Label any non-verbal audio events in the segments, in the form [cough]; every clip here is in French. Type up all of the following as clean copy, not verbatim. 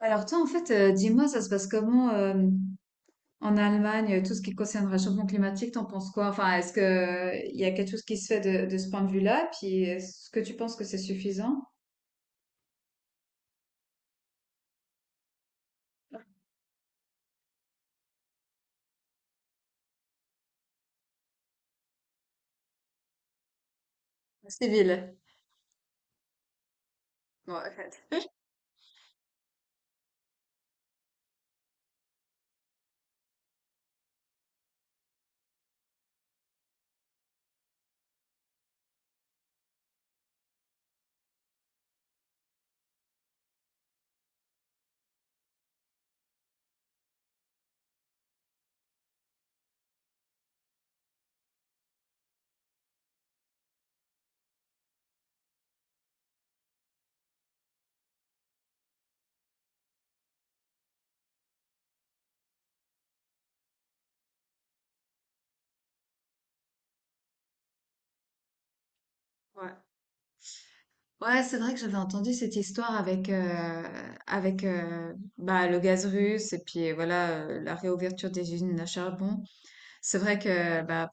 Alors toi, en fait, dis-moi, ça se passe comment en Allemagne, tout ce qui concerne le réchauffement climatique, t'en penses quoi? Enfin, est-ce que il y a quelque chose qui se fait de ce point de vue-là? Puis est-ce que tu penses que c'est suffisant? Civil. Ouais, en fait. Ouais. Ouais, c'est vrai que j'avais entendu cette histoire avec bah, le gaz russe et puis voilà, la réouverture des usines à charbon. C'est vrai que bah,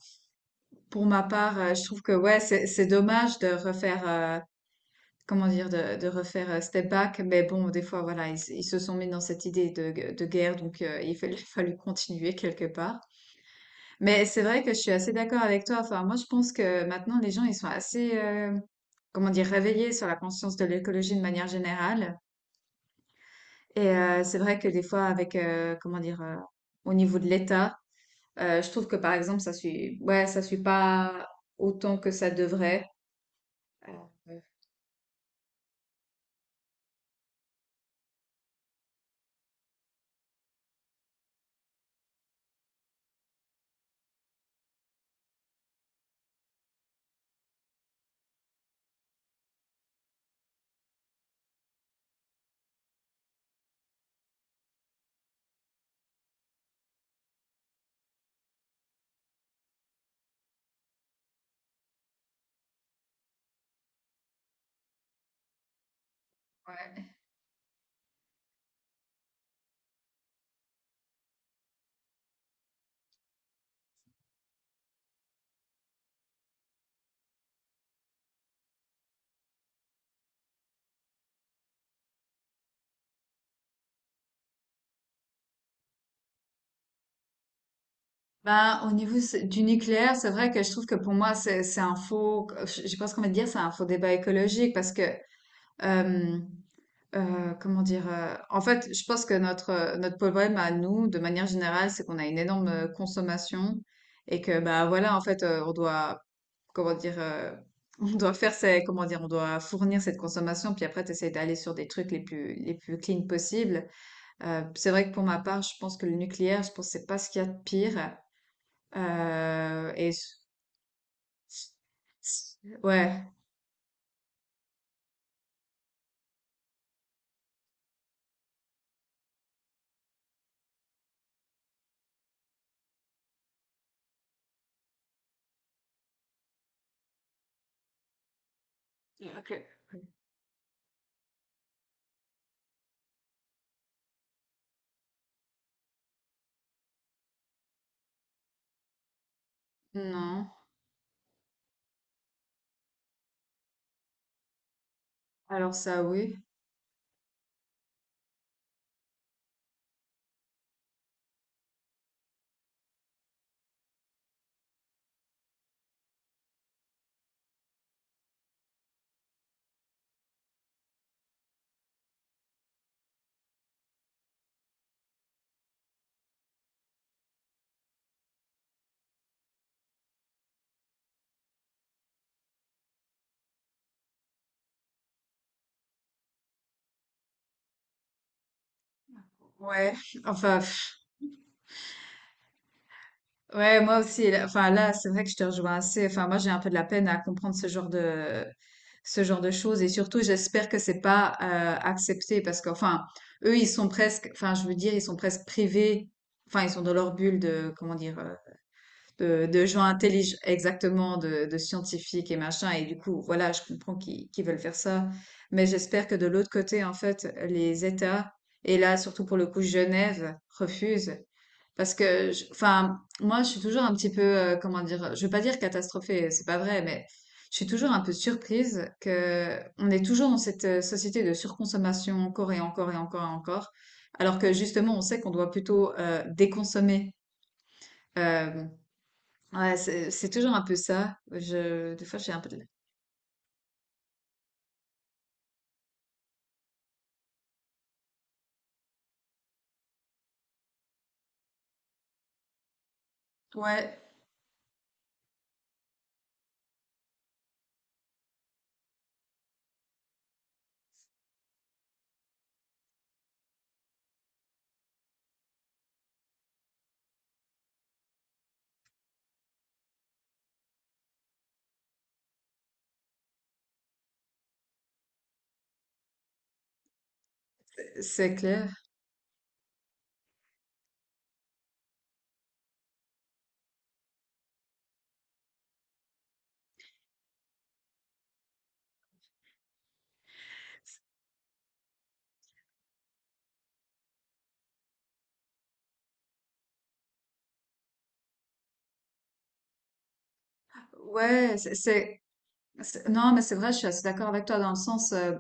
pour ma part, je trouve que ouais c'est dommage de refaire, comment dire, de refaire step back. Mais bon, des fois, voilà, ils se sont mis dans cette idée de guerre, donc il fallait, [laughs] fallu continuer quelque part. Mais c'est vrai que je suis assez d'accord avec toi. Enfin, moi, je pense que maintenant, les gens, ils sont assez, comment dire, réveillés sur la conscience de l'écologie de manière générale. Et c'est vrai que des fois, avec, comment dire, au niveau de l'État, je trouve que par exemple, ça suit, ouais, ça suit pas autant que ça devrait. Euh, ouais. Ben, au niveau du nucléaire, c'est vrai que je trouve que pour moi, c'est un faux, je sais pas ce qu'on va dire, c'est un faux débat écologique parce que, euh, comment dire, en fait, je pense que notre, notre problème à nous, de manière générale, c'est qu'on a une énorme consommation et que, ben voilà, en fait, on doit, comment dire, [laughs] on doit faire ces, comment dire, on doit fournir cette consommation, puis après, t'essayes d'aller sur des trucs les plus clean possibles. C'est vrai que pour ma part, je pense que le nucléaire, je pense que c'est pas ce qu'il y a de pire. Et ouais. Ok. Non. Alors ça, oui. Ouais, enfin, pff, ouais, moi aussi. Enfin, là, c'est vrai que je te rejoins assez. Enfin, moi, j'ai un peu de la peine à comprendre ce genre de choses. Et surtout, j'espère que c'est pas accepté parce qu'enfin, eux, ils sont presque, enfin, je veux dire, ils sont presque privés. Enfin, ils sont dans leur bulle de, comment dire, de gens intelligents, exactement, de scientifiques et machin. Et du coup, voilà, je comprends qu'ils veulent faire ça. Mais j'espère que de l'autre côté, en fait, les États, et là, surtout pour le coup, Genève, refusent. Parce que, enfin, moi, je suis toujours un petit peu, comment dire, je veux pas dire catastrophée, c'est pas vrai, mais je suis toujours un peu surprise que on est toujours dans cette société de surconsommation encore et encore et encore et encore, alors que justement, on sait qu'on doit plutôt déconsommer. Euh, Ouais, c'est toujours un peu ça. Je, des fois, j'ai un peu de... Ouais, c'est clair. Ouais, Non, mais c'est vrai, je suis assez d'accord avec toi dans le sens... euh,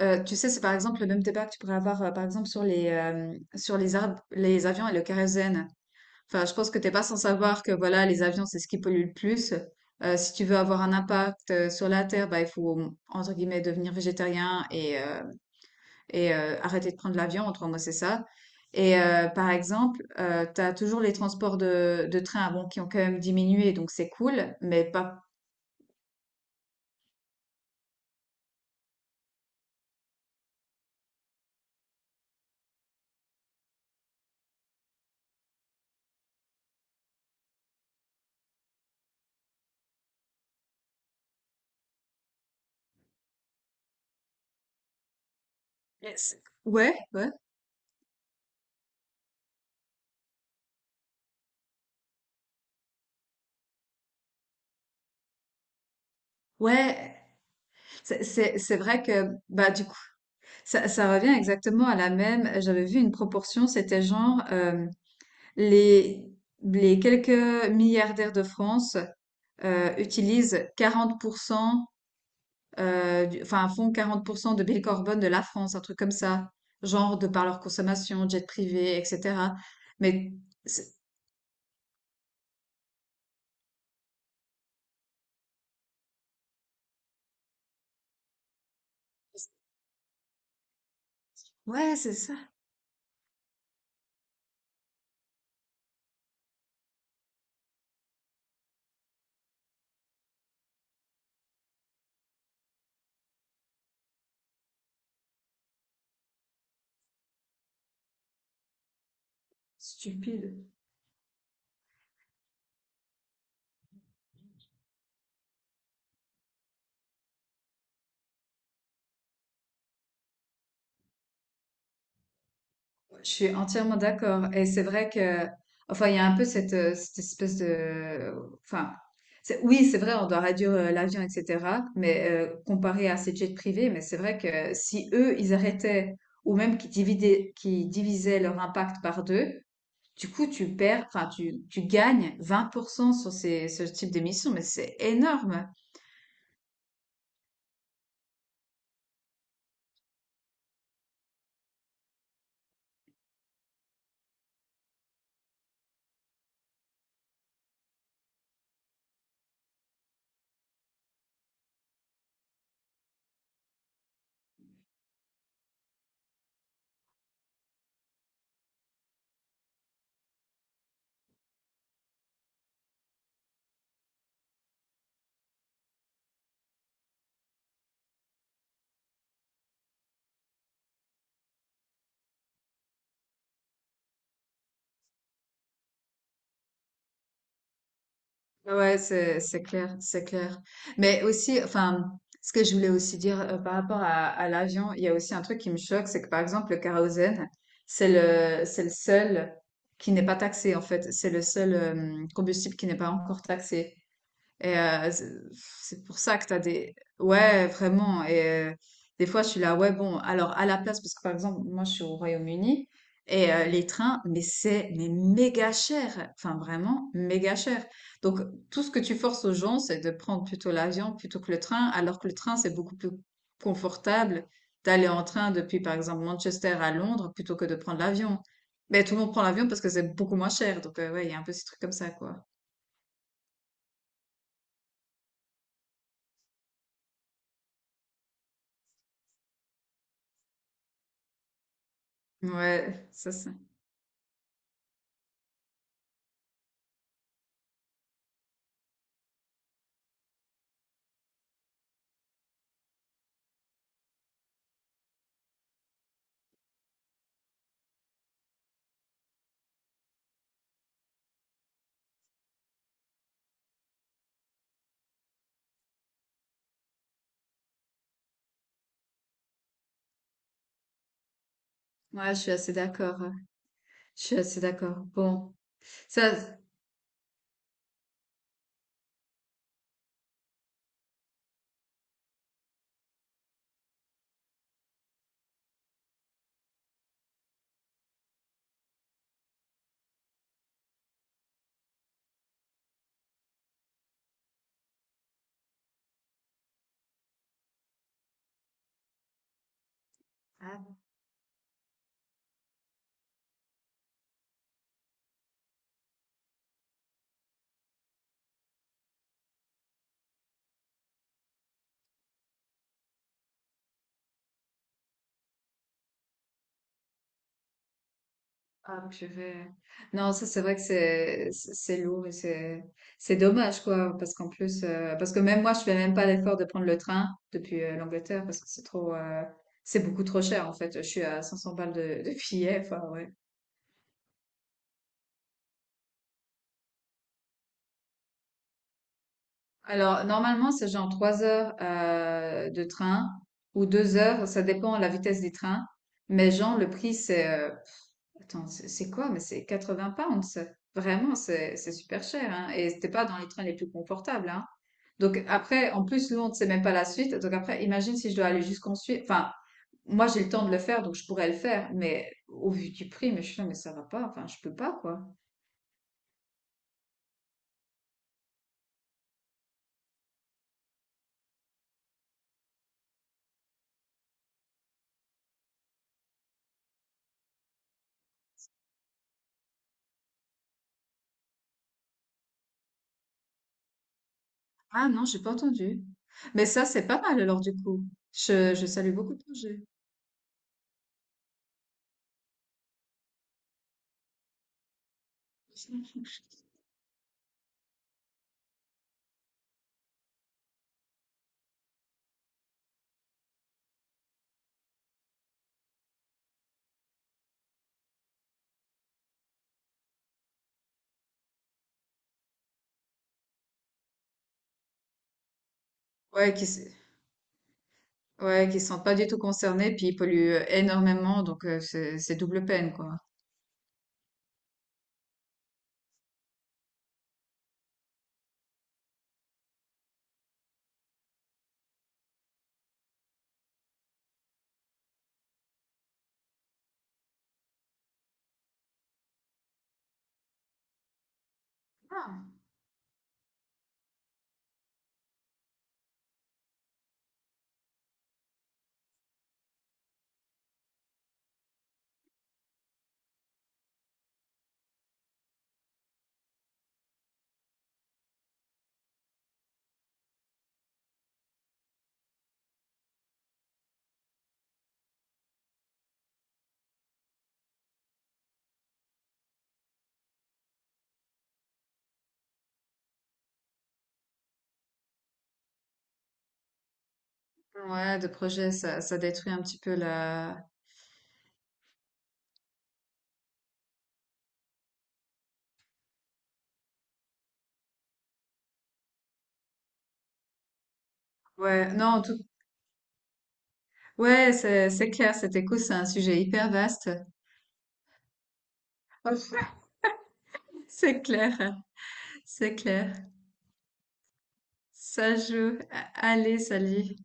euh, tu sais, c'est par exemple le même débat que tu pourrais avoir, par exemple, sur les les avions et le kérosène. Enfin, je pense que t'es pas sans savoir que, voilà, les avions, c'est ce qui pollue le plus. Si tu veux avoir un impact sur la Terre, bah, il faut, entre guillemets, devenir végétarien et... arrêter de prendre l'avion, en trois mots, c'est ça. Et par exemple, tu as toujours les transports de train bon, qui ont quand même diminué, donc c'est cool, mais pas... Yes. Ouais, ouais, ouais. C'est vrai que, bah, du coup, ça revient exactement à la même. J'avais vu une proportion, c'était genre les, les quelques milliardaires de France utilisent 40%. Enfin, font 40% de bilan carbone de la France, un truc comme ça, genre de par leur consommation, jet privé, etc. Mais c'est- ouais, c'est ça, stupide. Je suis entièrement d'accord. Et c'est vrai que, enfin, il y a un peu cette, cette espèce de, enfin, oui, c'est vrai, on doit réduire l'avion, etc. Mais comparé à ces jets privés, mais c'est vrai que si eux, ils arrêtaient ou même qu'ils divisaient leur impact par deux. Du coup, tu perds, enfin, tu gagnes 20% sur ces, ce type d'émission, mais c'est énorme. Ouais, c'est clair, c'est clair. Mais aussi, enfin, ce que je voulais aussi dire par rapport à l'avion, il y a aussi un truc qui me choque, c'est que par exemple, le kérosène, c'est le seul qui n'est pas taxé, en fait. C'est le seul combustible qui n'est pas encore taxé. Et c'est pour ça que t'as des... Ouais, vraiment. Et des fois, je suis là, ouais, bon, alors à la place, parce que par exemple, moi, je suis au Royaume-Uni, et les trains, mais c'est mais méga cher. Enfin, vraiment, méga cher. Donc, tout ce que tu forces aux gens, c'est de prendre plutôt l'avion plutôt que le train, alors que le train, c'est beaucoup plus confortable d'aller en train depuis, par exemple, Manchester à Londres plutôt que de prendre l'avion. Mais tout le monde prend l'avion parce que c'est beaucoup moins cher. Donc, ouais, il y a un peu ces trucs comme ça, quoi. Ouais, ça, c'est... Ouais, je suis assez d'accord. Je suis assez d'accord. Bon, ça, ah, hop, je vais. Non, ça, c'est vrai que c'est lourd et c'est dommage quoi, parce qu'en plus, parce que même moi, je fais même pas l'effort de prendre le train depuis l'Angleterre parce que c'est trop, c'est beaucoup trop cher en fait. Je suis à 500 balles de billet. Enfin ouais. Alors normalement, c'est genre 3 heures de train ou 2 heures, ça dépend de la vitesse des trains. Mais genre le prix, c'est attends, c'est quoi? Mais c'est 80 pounds. Vraiment, c'est super cher. Hein? Et c'était pas dans les trains les plus confortables. Hein? Donc après, en plus, Londres, c'est même pas la suite. Donc après, imagine si je dois aller jusqu'en Suisse. Enfin, moi, j'ai le temps de le faire, donc je pourrais le faire. Mais au vu du prix, mais je suis là, mais ça va pas. Enfin, je peux pas, quoi. Ah non, j'ai pas entendu. Mais ça, c'est pas mal alors du coup. Je salue beaucoup de projets. Ouais, ouais, qui se sentent pas du tout concernés, puis ils polluent énormément, donc c'est double peine, quoi. Ouais, de projet, ça détruit un petit peu la... Ouais, non, en tout... Ouais, c'est clair, cet écho, c'est un sujet hyper vaste. [laughs] C'est clair, c'est clair. Ça joue. Allez, salut.